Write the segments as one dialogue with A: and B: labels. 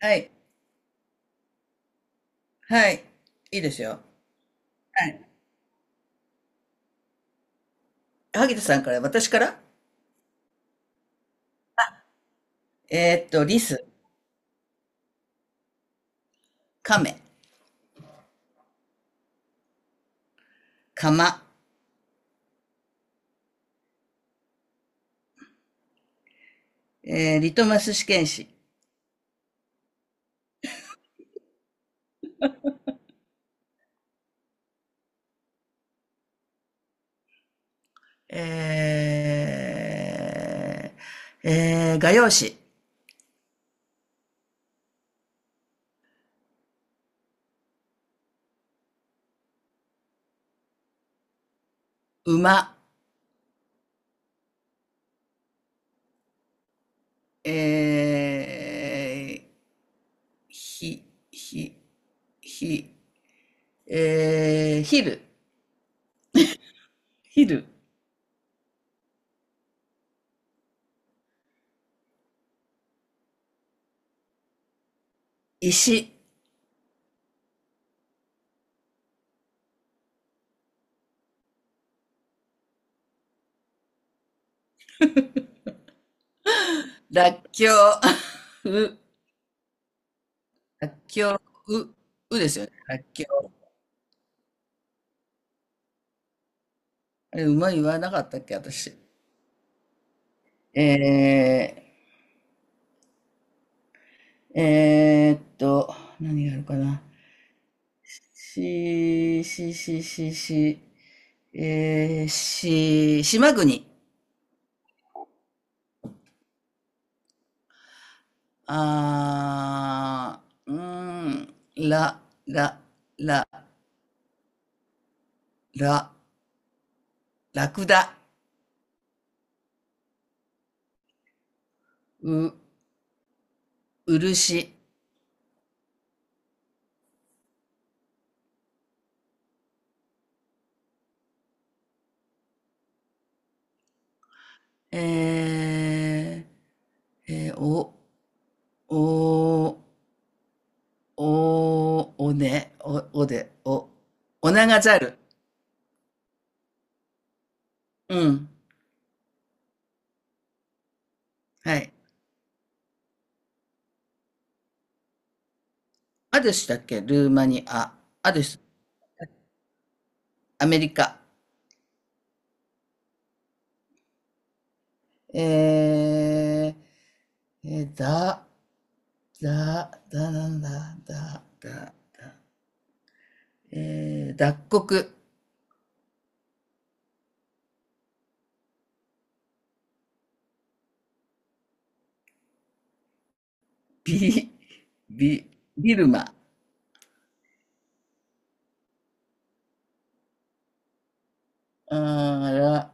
A: はい。はい。いいですよ。はい。萩田さんから、私からリス、カメ、カマ、リトマス試験紙、え画用紙、馬、えー、ひ、ひ、ひ、えー、ヒル、ヒル、石、らっきょう、う、らっきょう、う、うですよね。らっきょう。あれ、馬言わなかったっけ、私。えー、えーっと、何があるかな。し、し、し、し、し、し、島国。あー、うーん、ら、ら、ら、ら、ラクダ、う、漆、えお、お、お、おね、お、おで、お、おながざる。うん、はい。アデュシだっけルーマニア。アデュシ、アメリカ。えだ、だ、だ、なんだ、だ、だ、だ、脱穀、ビ、ビ、ビルマ、あーら、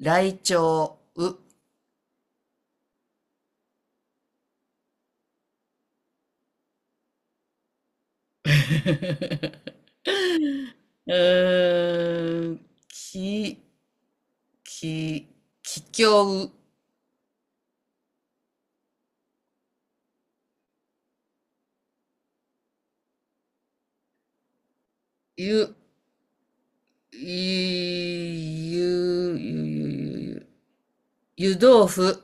A: ライチョウ、う、えき、き、ききょう、ゆ、ゆ、ゆ、ゆ、ゆ、ゆ、湯豆腐、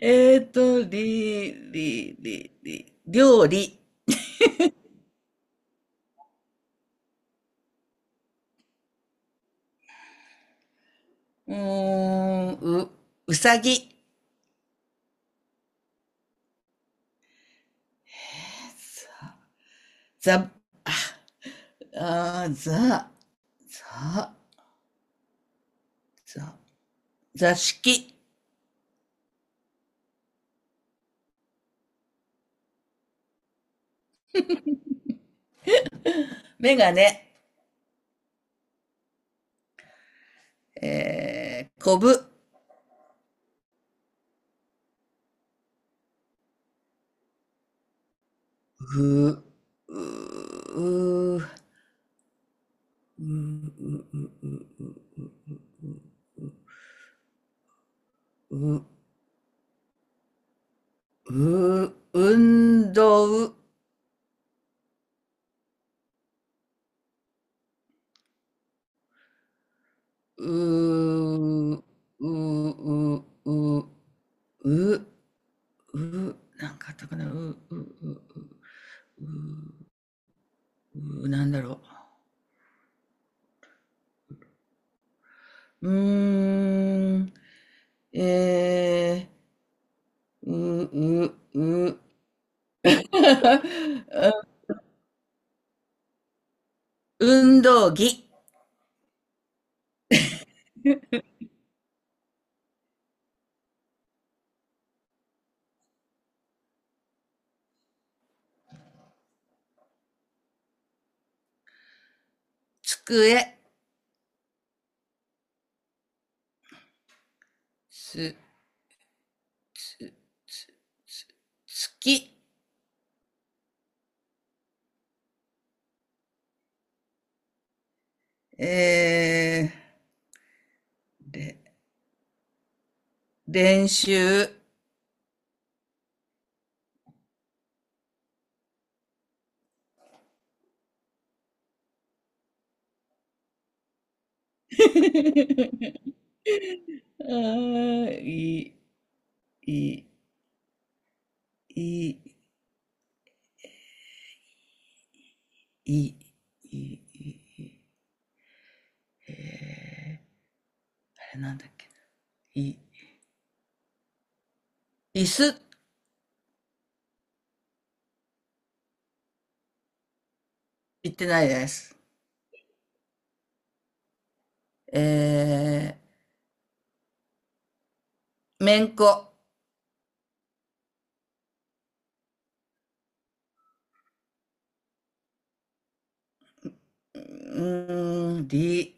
A: り、り、り、り、料理。うーん、う、うさぎ。ざ、あー、ざ、ざ、ざ、座敷。メガネ。こぶ。う、う、う、う、う、運動。う、う、う、う、う、う、なんかあったかな。う、う、う、う、う、なんだろう。うーん、えう、う、う、運動着、机、つ、つ、つ、つ、月、えれ、練習。あー、い、い、い、い、い、い、い、えー、あれなんだっけな、い、椅子、言ってないです。えめんこ。うん、り、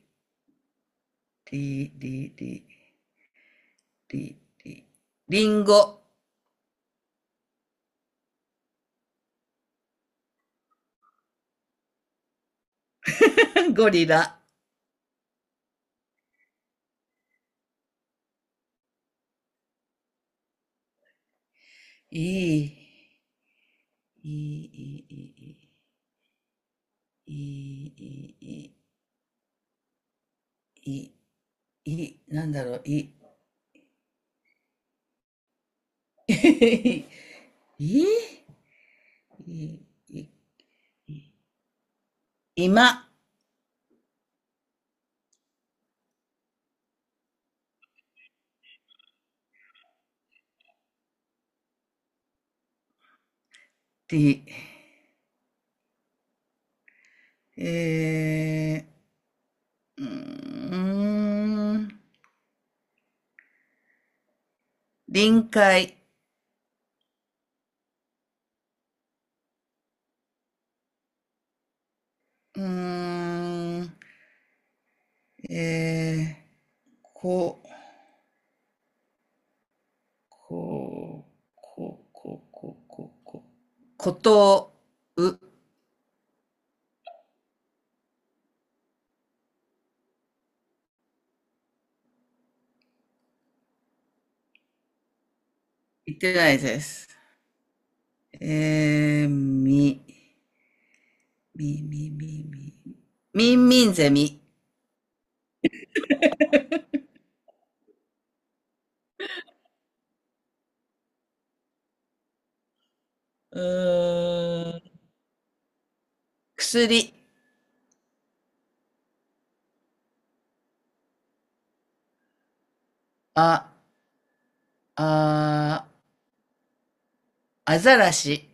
A: り、り、り、り、り、りんご、ゴリラ、いい、いい、いい、いい、いい、いい、いい、なんだろう、いい、いい、いい、今、り、えー、うーん、臨界、うーん、えこう、こう、こう、こう、こう、こう、こう。ことう。言ってないです。み、み、み、み、み。みんみんゼミ。うーん。薬。あ、あ、アザラシ。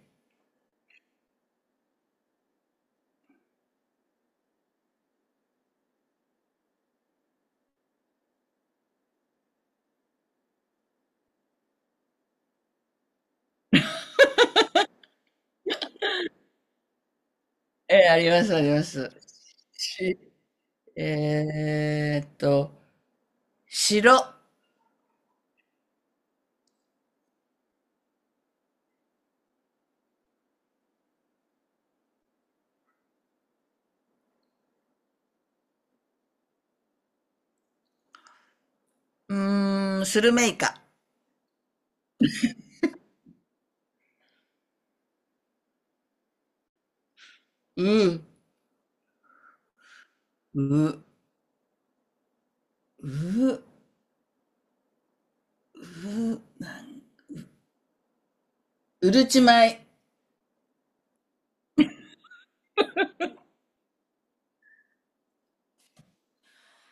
A: あります、あります。し、えーっと、白。うーん、スルメイカ。う、う、う、う、うるち米。